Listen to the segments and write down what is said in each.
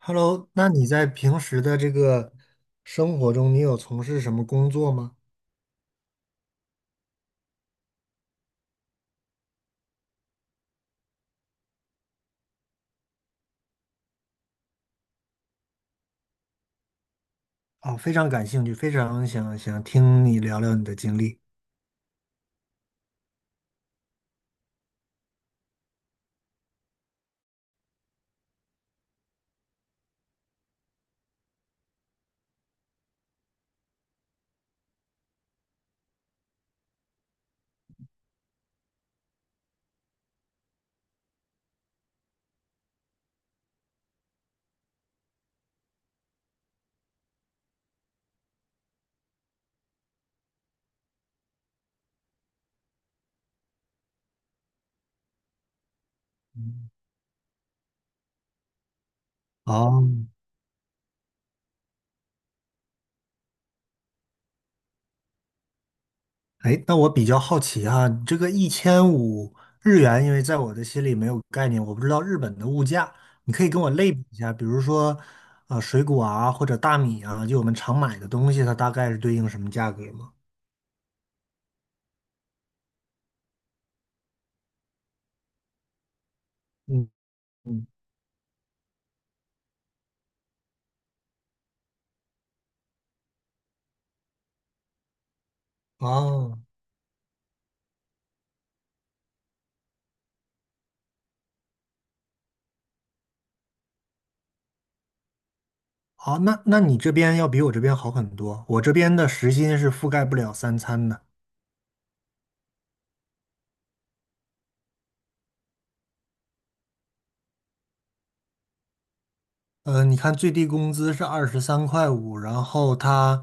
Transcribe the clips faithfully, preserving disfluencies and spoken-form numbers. Hello，那你在平时的这个生活中，你有从事什么工作吗？啊，非常感兴趣，非常想想听你聊聊你的经历。哦，哎，那我比较好奇哈，你这个一千五日元，因为在我的心里没有概念，我不知道日本的物价，你可以跟我类比一下，比如说，呃，水果啊，或者大米啊，就我们常买的东西，它大概是对应什么价格吗？嗯嗯，哦，好，那那你这边要比我这边好很多。我这边的时薪是覆盖不了三餐的。呃，你看最低工资是二十三块五，然后他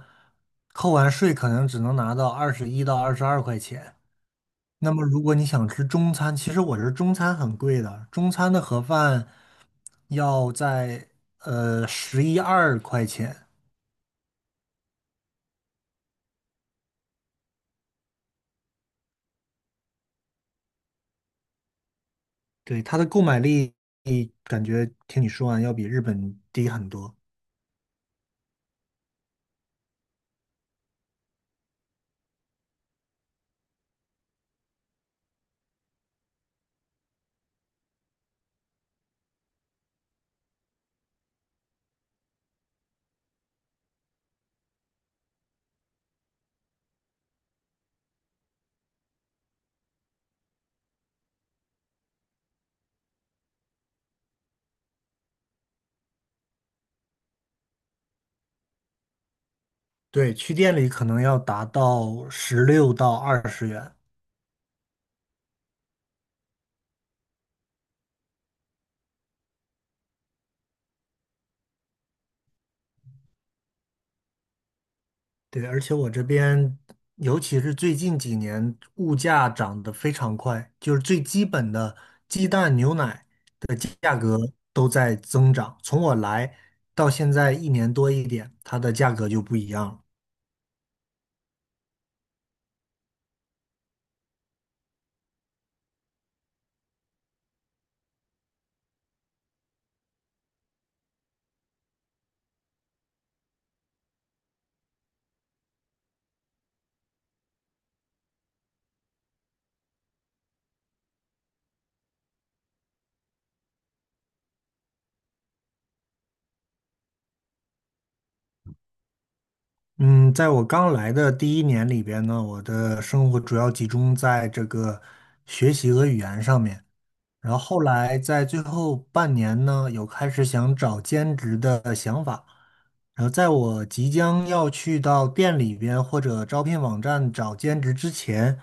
扣完税可能只能拿到二十一到二十二块钱。那么如果你想吃中餐，其实我这中餐很贵的，中餐的盒饭要在呃十一二块钱。对，它的购买力感觉听你说完要比日本低很多。对，去店里可能要达到十六到二十元。对，而且我这边，尤其是最近几年，物价涨得非常快，就是最基本的鸡蛋、牛奶的价格都在增长。从我来到现在一年多一点，它的价格就不一样了。嗯，在我刚来的第一年里边呢，我的生活主要集中在这个学习和语言上面。然后后来在最后半年呢，有开始想找兼职的想法。然后在我即将要去到店里边或者招聘网站找兼职之前，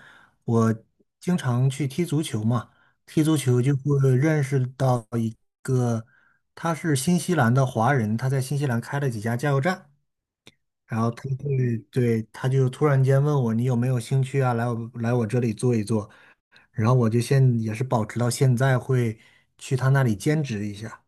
我经常去踢足球嘛，踢足球就会认识到一个，他是新西兰的华人，他在新西兰开了几家加油站。然后他对对，他就突然间问我你有没有兴趣啊，来我来我这里做一做，然后我就现也是保持到现在会去他那里兼职一下。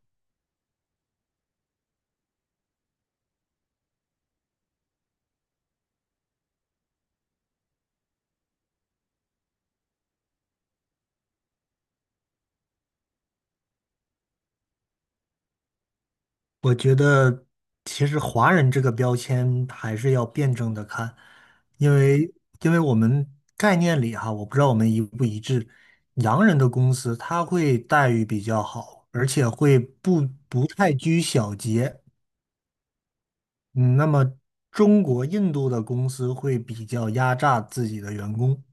我觉得其实华人这个标签还是要辩证的看，因为因为我们概念里哈，我不知道我们一不一致，洋人的公司他会待遇比较好，而且会不不太拘小节。嗯，那么中国、印度的公司会比较压榨自己的员工。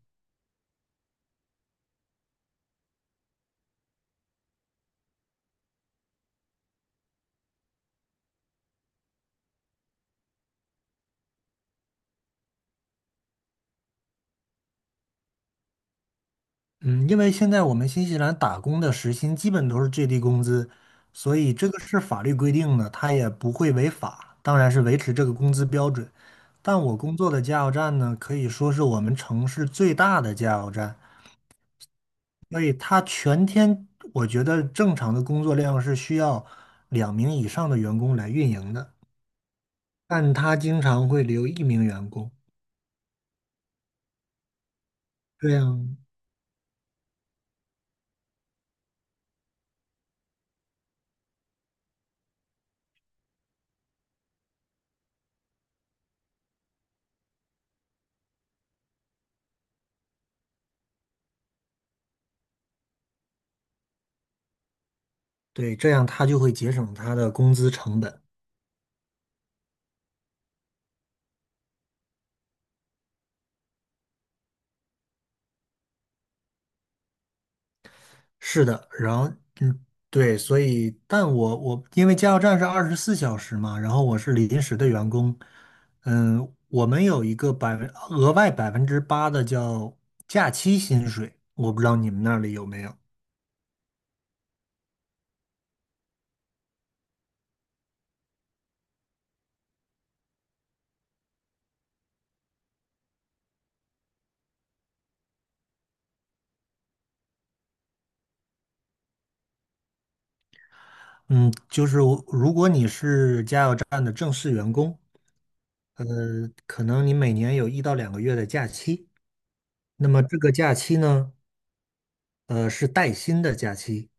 嗯，因为现在我们新西兰打工的时薪基本都是最低工资，所以这个是法律规定的，它也不会违法，当然是维持这个工资标准。但我工作的加油站呢，可以说是我们城市最大的加油站，所以它全天我觉得正常的工作量是需要两名以上的员工来运营的，但它经常会留一名员工，这样。对，这样他就会节省他的工资成本。是的，然后嗯，对，所以，但我我因为加油站是二十四小时嘛，然后我是临时的员工，嗯，我们有一个百分额外百分之八的叫假期薪水，我不知道你们那里有没有。嗯，就是我如果你是加油站的正式员工，呃，可能你每年有一到两个月的假期，那么这个假期呢，呃，是带薪的假期。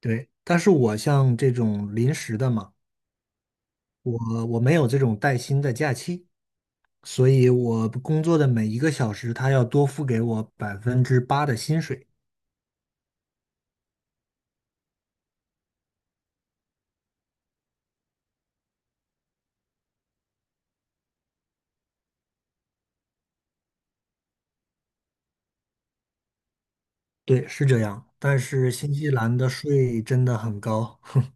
对，但是我像这种临时的嘛，我我没有这种带薪的假期，所以我工作的每一个小时，他要多付给我百分之八的薪水。对，是这样。但是新西兰的税真的很高 哼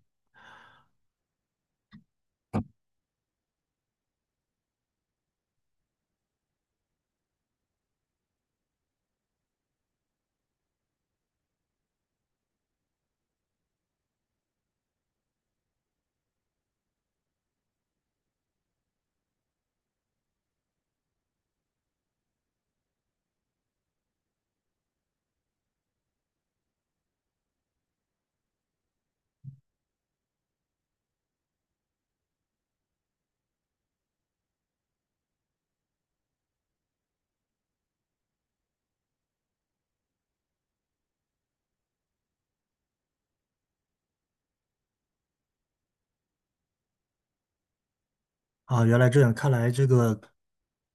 啊，原来这样，看来这个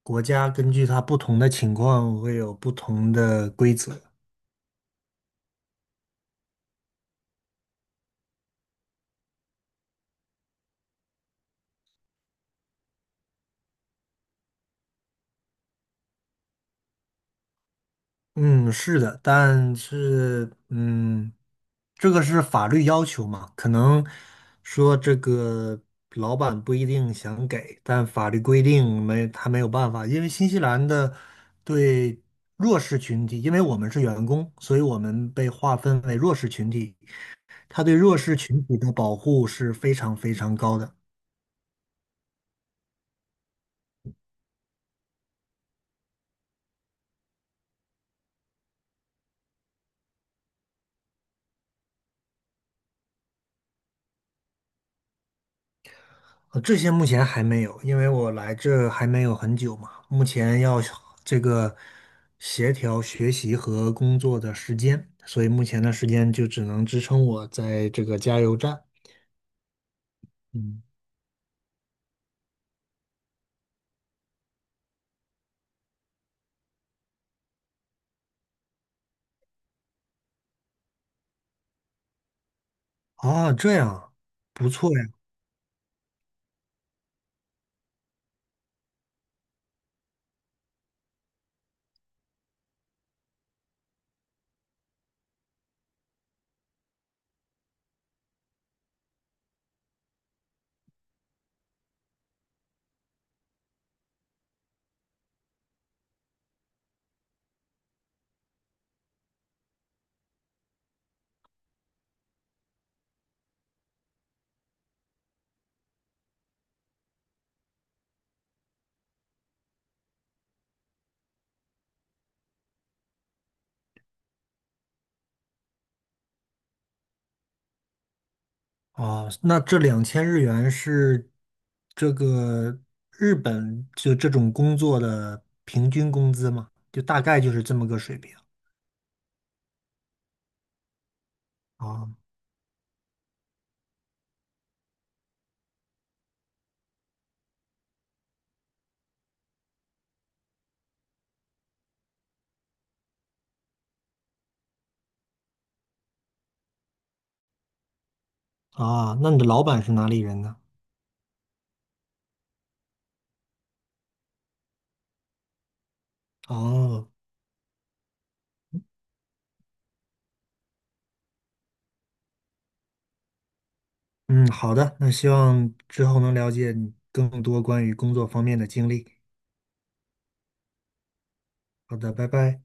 国家根据它不同的情况会有不同的规则。嗯，是的，但是嗯，这个是法律要求嘛，可能说这个老板不一定想给，但法律规定没他没有办法，因为新西兰的对弱势群体，因为我们是员工，所以我们被划分为弱势群体，他对弱势群体的保护是非常非常高的。呃这些目前还没有，因为我来这还没有很久嘛，目前要这个协调学习和工作的时间，所以目前的时间就只能支撑我在这个加油站。嗯，啊，这样，不错呀。啊，那这两千日元是这个日本就这种工作的平均工资吗？就大概就是这么个水平。啊啊，那你的老板是哪里人呢？哦、嗯，好的，那希望之后能了解你更多关于工作方面的经历。好的，拜拜。